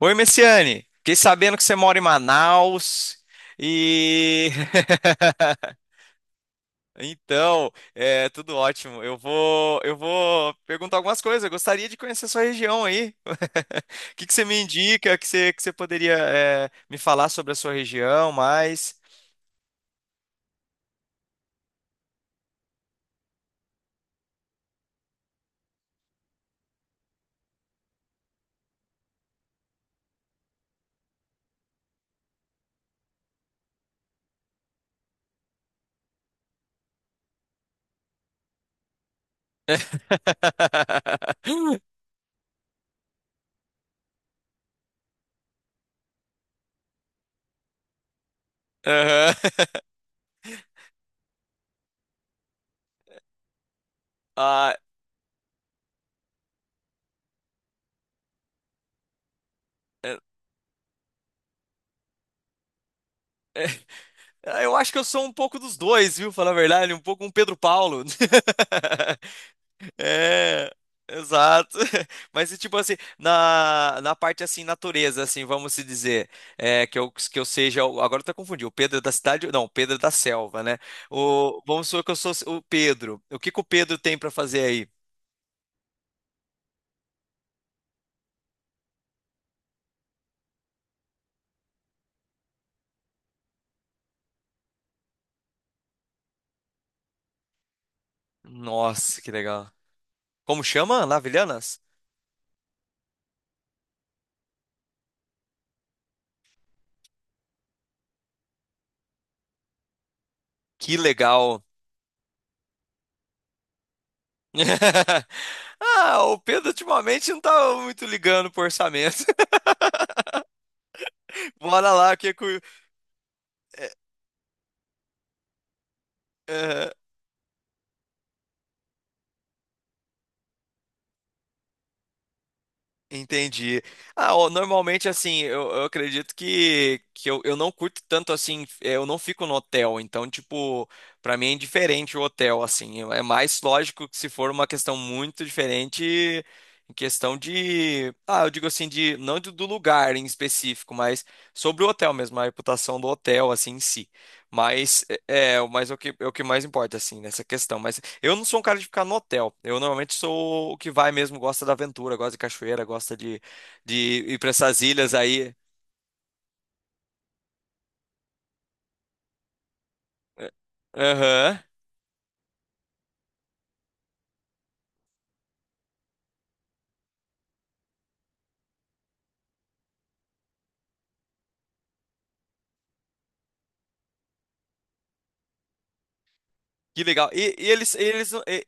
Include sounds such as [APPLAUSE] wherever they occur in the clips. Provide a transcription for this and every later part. Oi, Messiane. Fiquei sabendo que você mora em Manaus e [LAUGHS] então, é tudo ótimo. Eu vou perguntar algumas coisas. Eu gostaria de conhecer sua região aí. [LAUGHS] O que que você me indica? Que você poderia me falar sobre a sua região mais? [LAUGHS] Aham. Ah, é, eu acho que eu sou um pouco dos dois, viu? Falar a verdade, um pouco um Pedro Paulo. [LAUGHS] É, exato. [LAUGHS] Mas e, tipo assim, na parte assim, natureza, assim, vamos se dizer, é, que eu seja, agora eu tô confundindo, o Pedro da cidade, não, o Pedro da selva, né? O, vamos supor que eu sou o Pedro. O que que o Pedro tem pra fazer aí? Nossa, que legal. Como chama? Lavilhanas? Que legal. [LAUGHS] Ah, o Pedro ultimamente não tá muito ligando pro orçamento. [LAUGHS] Bora lá, que é, é. Entendi. Ah, ó, normalmente assim, eu acredito que, que eu não curto tanto assim, eu não fico no hotel, então, tipo, pra mim é indiferente o hotel, assim, é mais lógico que se for uma questão muito diferente, em questão de, ah, eu digo assim, de, não de- do lugar em específico, mas sobre o hotel mesmo, a reputação do hotel, assim, em si. Mas é, é, mas é o que mais importa, assim, nessa questão. Mas eu não sou um cara de ficar no hotel. Eu normalmente sou o que vai mesmo, gosta da aventura, gosta de cachoeira, gosta de ir para essas ilhas aí. É, aham. Que legal. E,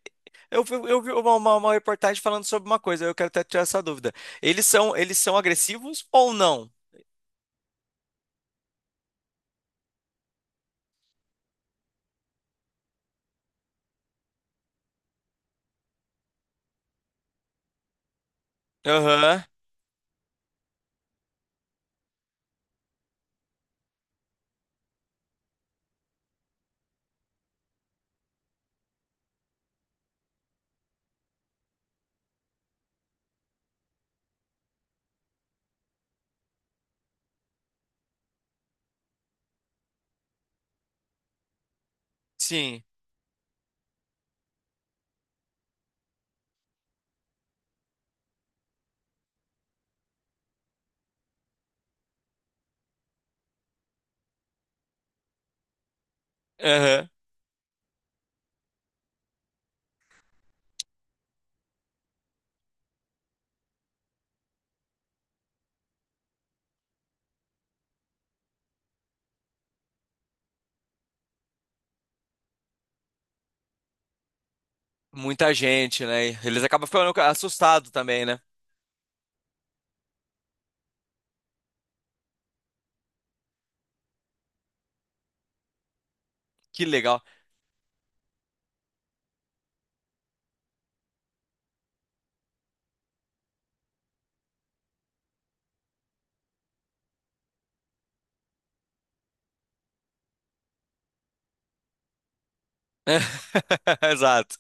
eu, eu vi uma reportagem falando sobre uma coisa, eu quero até tirar essa dúvida. Eles são agressivos ou não? Aham. Sim. Aham. Muita gente, né? Eles acabam ficando assustados também, né? Que legal. [LAUGHS] Exato.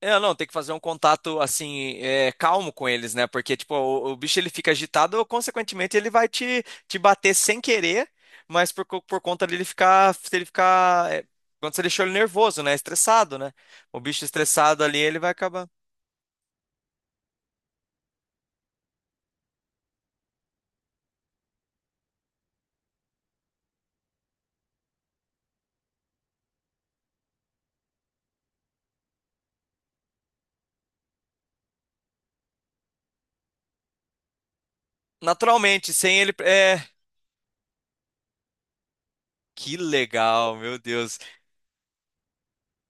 É, não, tem que fazer um contato assim, é, calmo com eles, né? Porque, tipo, o bicho ele fica agitado, consequentemente ele vai te bater sem querer, mas por, por conta dele ficar, se ele ficar, é, quando você deixou ele nervoso, né? Estressado, né? O bicho estressado ali, ele vai acabar naturalmente, sem ele, é, que legal, meu Deus.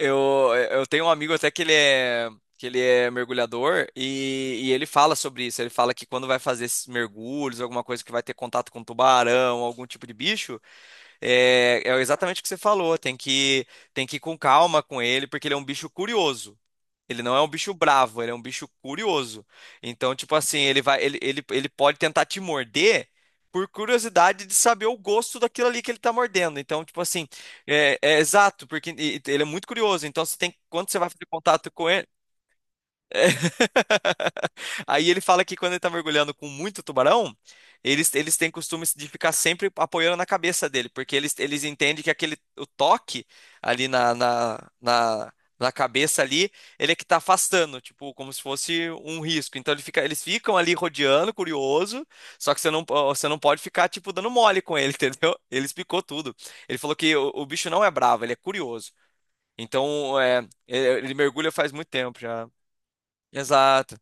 Eu tenho um amigo até que ele é mergulhador e ele fala sobre isso. Ele fala que quando vai fazer esses mergulhos, alguma coisa que vai ter contato com tubarão, algum tipo de bicho, é, é exatamente o que você falou. Tem que ir com calma com ele, porque ele é um bicho curioso. Ele não é um bicho bravo, ele é um bicho curioso. Então, tipo assim, ele vai, ele pode tentar te morder por curiosidade de saber o gosto daquilo ali que ele tá mordendo. Então, tipo assim, é, é exato, porque e ele é muito curioso. Então, você tem, quando você vai fazer contato com ele. [LAUGHS] Aí ele fala que quando ele tá mergulhando com muito tubarão, eles têm costume de ficar sempre apoiando na cabeça dele, porque eles entendem que aquele o toque ali na cabeça ali, ele é que tá afastando, tipo, como se fosse um risco. Então ele fica, eles ficam ali rodeando, curioso, só que você não pode ficar, tipo, dando mole com ele, [LAUGHS] entendeu? Ele explicou tudo. Ele falou que o bicho não é bravo, ele é curioso. Então, é, ele mergulha faz muito tempo já. Exato.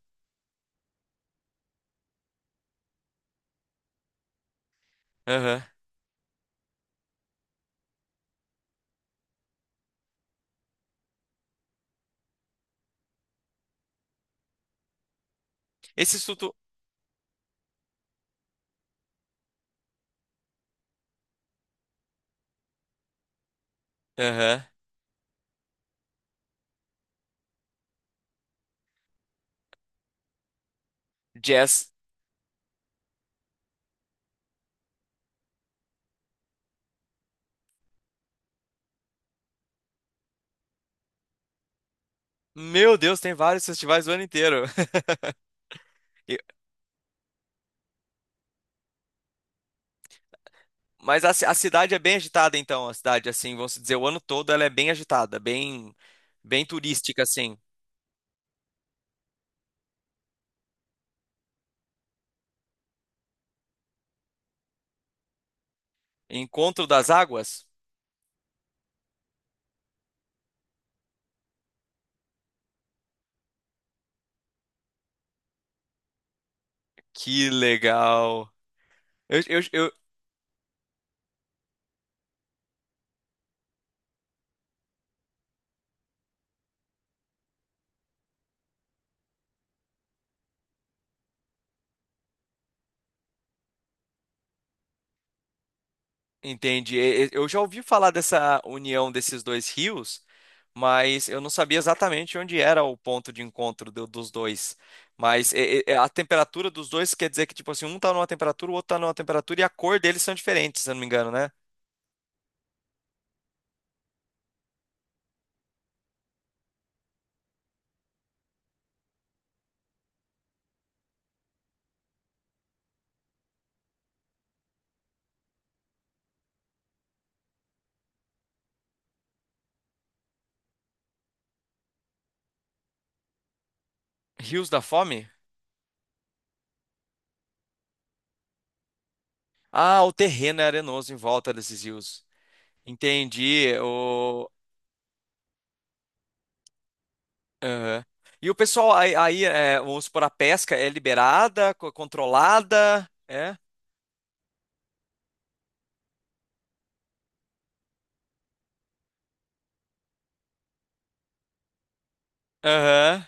Aham. Esse estudo. Aham. Jazz. Meu Deus, tem vários festivais o ano inteiro. [LAUGHS] E- mas a, a cidade é bem agitada, então. A cidade, assim, vamos dizer, o ano todo ela é bem agitada, bem, bem turística, assim. Encontro das Águas? Que legal. Eu, eu, eu, Entende? Eu já ouvi falar dessa união desses dois rios, mas eu não sabia exatamente onde era o ponto de encontro dos dois. Mas a temperatura dos dois quer dizer que, tipo assim, um tá numa temperatura, o outro tá numa temperatura e a cor deles são diferentes, se eu não me engano, né? Rios da Fome? Ah, o terreno é arenoso em volta desses rios. Entendi. O... aham. E o pessoal é, vamos supor, a pesca é liberada, controlada, é? Aham,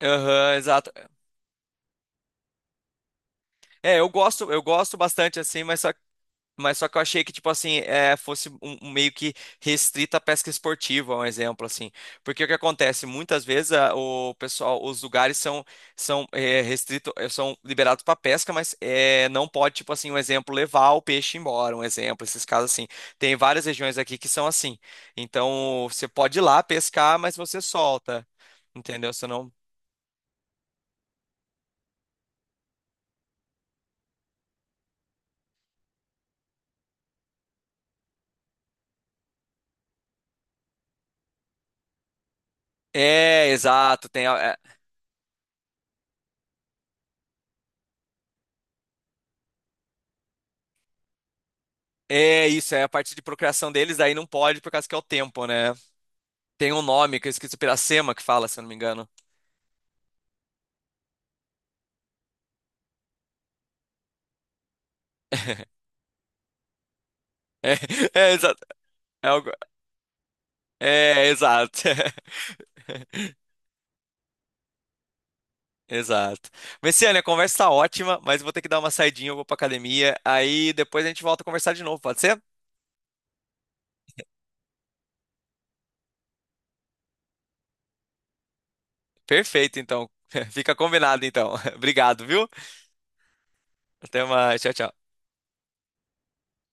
aham, exato. Eu gosto bastante assim, mas só que eu achei que tipo assim, é, fosse um, um meio que restrita à pesca esportiva, um exemplo assim. Porque o que acontece muitas vezes o pessoal, os lugares são são é, restrito, é, são liberados para pesca, mas é, não pode tipo assim, um exemplo levar o peixe embora, um exemplo, esses casos assim. Tem várias regiões aqui que são assim. Então, você pode ir lá pescar, mas você solta. Entendeu? Você não é, exato. Tem, é, é isso, é a parte de procriação deles, aí não pode por causa que é o tempo, né? Tem um nome que eu esqueci, Piracema que fala, se eu não me engano. [LAUGHS] É, é, exato. É, é, exato. [LAUGHS] Exato. Messiane, a conversa tá ótima, mas eu vou ter que dar uma saidinha, eu vou pra academia, aí depois a gente volta a conversar de novo, pode ser? Perfeito, então. [LAUGHS] Fica combinado, então. [LAUGHS] Obrigado, viu? Até mais. Tchau, tchau.